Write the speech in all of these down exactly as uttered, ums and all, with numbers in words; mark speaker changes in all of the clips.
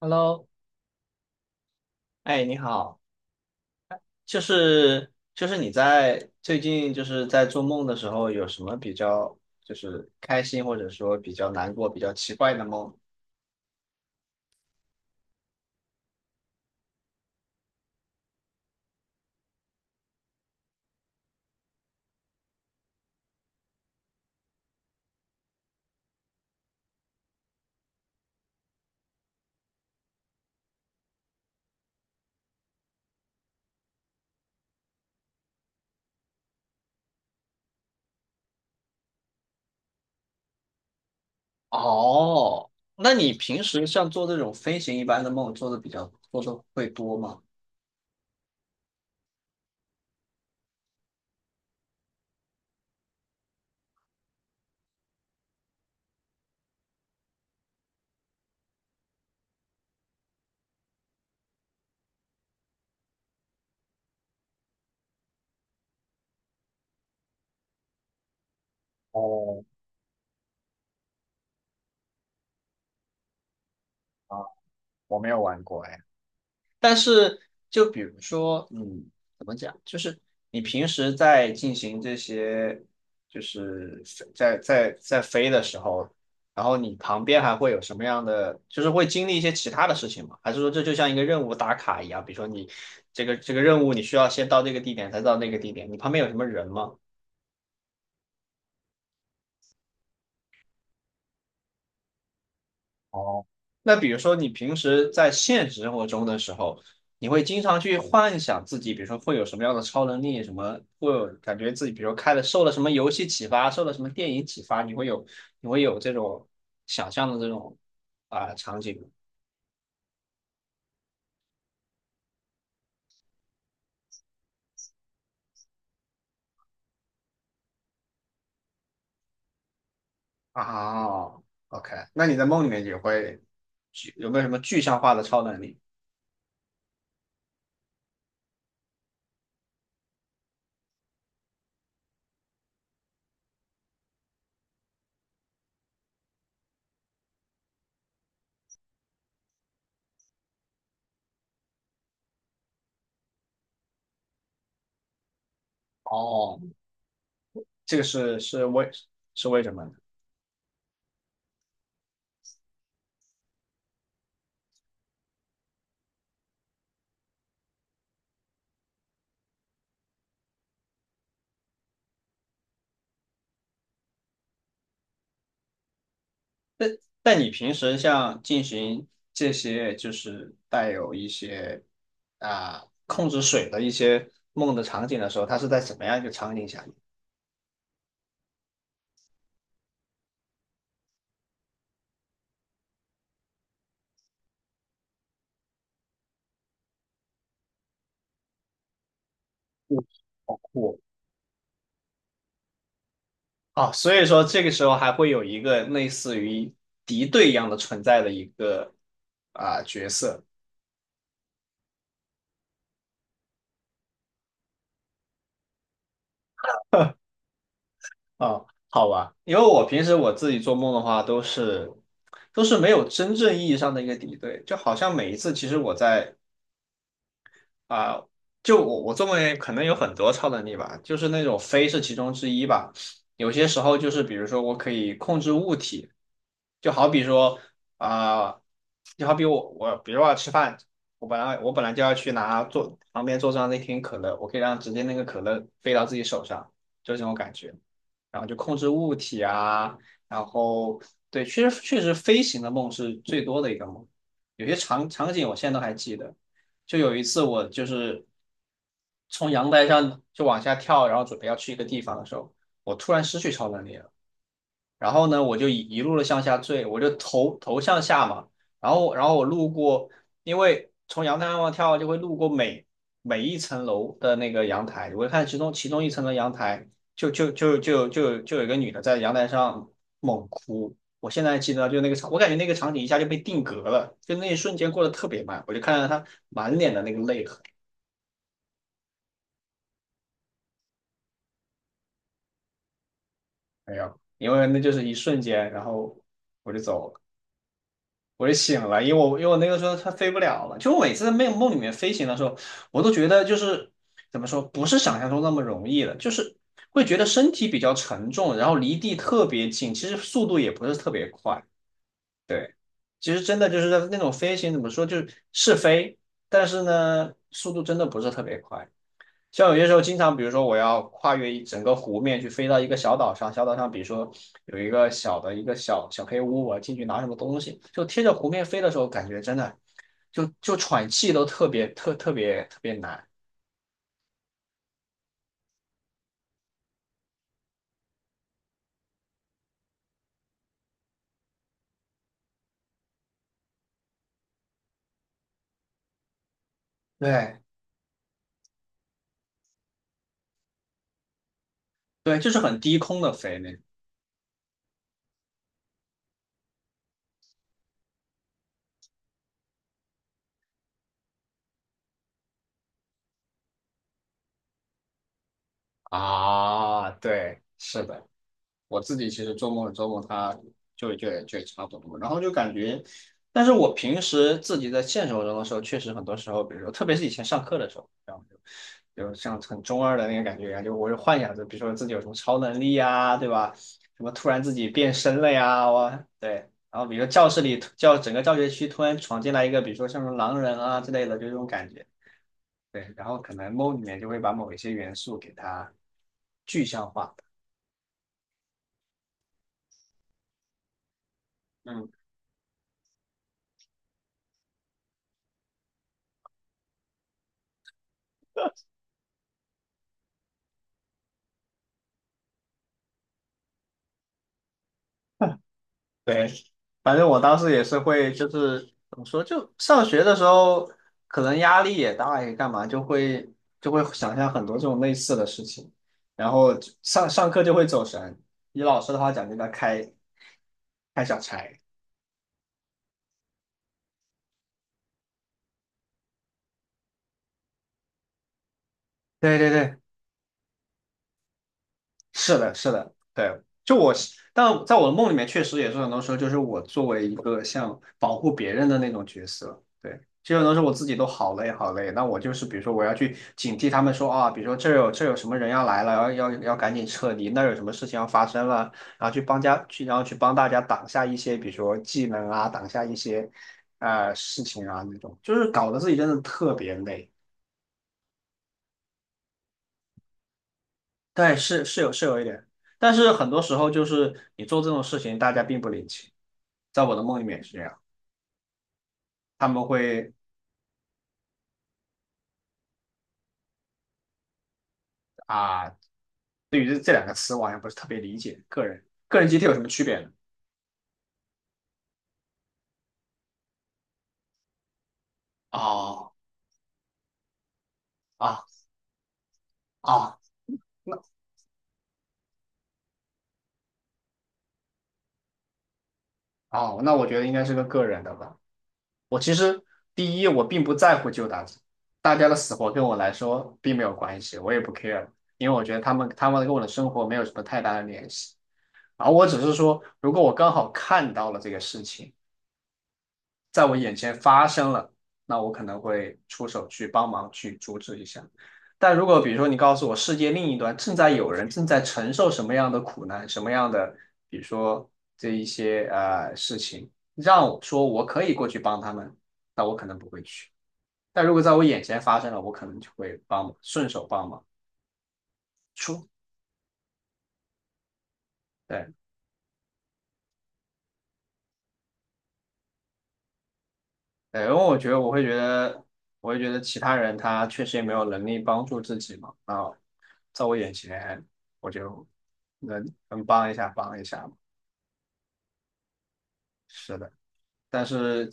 Speaker 1: Hello，哎，你好，就是就是你在最近就是在做梦的时候，有什么比较就是开心或者说比较难过、比较奇怪的梦？哦，那你平时像做这种飞行一般的梦，做的比较做的会多吗？哦，啊，我没有玩过。但是就比如说，嗯，怎么讲，就是你平时在进行这些，就是在在在飞的时候，然后你旁边还会有什么样的，就是会经历一些其他的事情吗？还是说这就像一个任务打卡一样？比如说你这个这个任务，你需要先到这个地点，才到那个地点，你旁边有什么人吗？哦，那比如说你平时在现实生活中的时候，你会经常去幻想自己，比如说会有什么样的超能力，什么会有感觉自己，比如说开了受了什么游戏启发，受了什么电影启发，你会有你会有这种想象的这种啊、场景吗？啊，OK，那你在梦里面也会具有没有什么具象化的超能力？哦，这个是是为是为什么？呢？但但你平时像进行这些就是带有一些啊、控制水的一些梦的场景的时候，它是在什么样一个场景下面？嗯，好酷。啊！所以说这个时候还会有一个类似于敌对一样的存在的一个啊、角色。啊，好吧？因为我平时我自己做梦的话，都是都是没有真正意义上的一个敌对，就好像每一次其实我在啊、就我我作为可能有很多超能力吧，就是那种飞是其中之一吧。有些时候就是比如说我可以控制物体，就好比说啊、就好比我我比如说我要吃饭，我本来我本来就要去拿桌旁边桌上那瓶可乐，我可以让直接那个可乐飞到自己手上，就这种感觉。然后就控制物体啊，然后对，确实确实飞行的梦是最多的一个梦，有些场场景我现在都还记得，就有一次我就是从阳台上就往下跳，然后准备要去一个地方的时候，我突然失去超能力了。然后呢，我就一一路的向下坠，我就头头向下嘛，然后然后我路过，因为从阳台上往跳就会路过每每一层楼的那个阳台，我看其中其中一层的阳台就就就就就就有一个女的在阳台上猛哭，我现在记得就那个场，我感觉那个场景一下就被定格了，就那一瞬间过得特别慢，我就看到她满脸的那个泪痕。没有，因为那就是一瞬间，然后我就走了。我就醒了，因为我因为我那个时候它飞不了了，就我每次在梦梦里面飞行的时候，我都觉得就是怎么说，不是想象中那么容易了，就是会觉得身体比较沉重，然后离地特别近，其实速度也不是特别快。对，其实真的就是那种飞行怎么说，就是是飞，但是呢，速度真的不是特别快。像有些时候，经常比如说我要跨越一整个湖面去飞到一个小岛上，小岛上比如说有一个小的一个小小黑屋，我要进去拿什么东西，就贴着湖面飞的时候，感觉真的就就喘气都特别特特别特别难。对对，就是很低空的飞那种。啊，对，是的。我自己其实周末做梦，他就就就也差不多，然后就感觉，但是我平时自己在现实生活中的时候，确实很多时候，比如说特别是以前上课的时候，然后就有像很中二的那个感觉一样，就我就幻想着，比如说自己有什么超能力呀，对吧？什么突然自己变身了呀，我对。然后比如说教室里教整个教学区突然闯进来一个，比如说像什么狼人啊之类的，就这种感觉。对，然后可能梦里面就会把某一些元素给它具象化。嗯。对，反正我当时也是会，就是怎么说，就上学的时候可能压力也大，也干嘛，就会就会想象很多这种类似的事情，然后就上上课就会走神，以老师的话讲就叫开开小差。对对对，是的，是的，对，就我但在我的梦里面，确实也是很多时候，就是我作为一个像保护别人的那种角色，对，就很多时候我自己都好累好累，那我就是比如说我要去警惕他们说啊，比如说这有这有什么人要来了，要要要赶紧撤离，那有什么事情要发生了，然后去帮家去，然后去帮大家挡下一些，比如说技能啊，挡下一些呃事情啊那种，就是搞得自己真的特别累。对，是是有是有一点，但是很多时候就是你做这种事情，大家并不领情。在我的梦里面也是这样。他们会啊，对于这这两个词，我好像不是特别理解。个人个人集体有什么区别呢？哦啊啊哦，那我觉得应该是个个人的吧。我其实第一，我并不在乎旧搭子，大家的死活跟我来说并没有关系，我也不 care，因为我觉得他们他们跟我的生活没有什么太大的联系。然后我只是说，如果我刚好看到了这个事情。在我眼前发生了，那我可能会出手去帮忙去阻止一下。但如果比如说你告诉我世界另一端正在有人正在承受什么样的苦难，什么样的，比如说这一些呃事情，让我说我可以过去帮他们，那我可能不会去。但如果在我眼前发生了，我可能就会帮忙，顺手帮忙出。对。哎，因为我觉得我会觉得，我会觉得其他人他确实也没有能力帮助自己嘛。那在我眼前，我就能能帮一下，帮一下嘛。是的，但是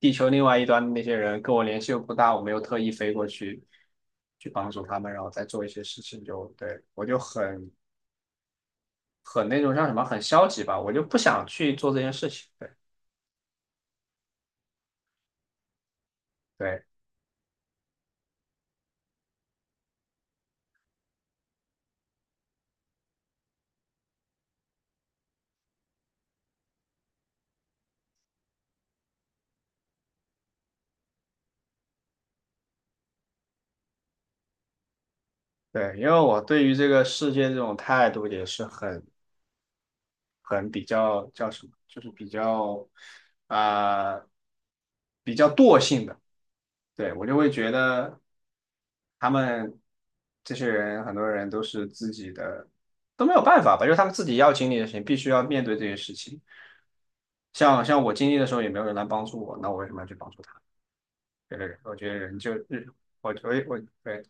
Speaker 1: 地球另外一端的那些人跟我联系又不大，我没有特意飞过去去帮助他们，然后再做一些事情就，对，我就很很那种像什么很消极吧，我就不想去做这件事情。对对对，因为我对于这个世界这种态度也是很。很比较叫什么，就是比较啊、呃比较惰性的，对，我就会觉得他们这些人很多人都是自己的都没有办法吧，就是他们自己要经历的事情，必须要面对这些事情。像像我经历的时候，也没有人来帮助我，那我为什么要去帮助他？对对对，我觉得人就是，我我我对，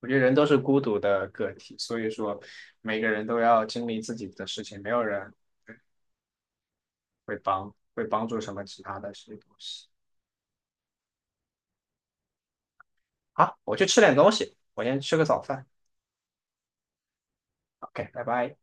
Speaker 1: 我觉得人都是孤独的个体，所以说每个人都要经历自己的事情，没有人。会帮会帮助什么其他的这些东西。好，我去吃点东西，我先吃个早饭。OK，拜拜。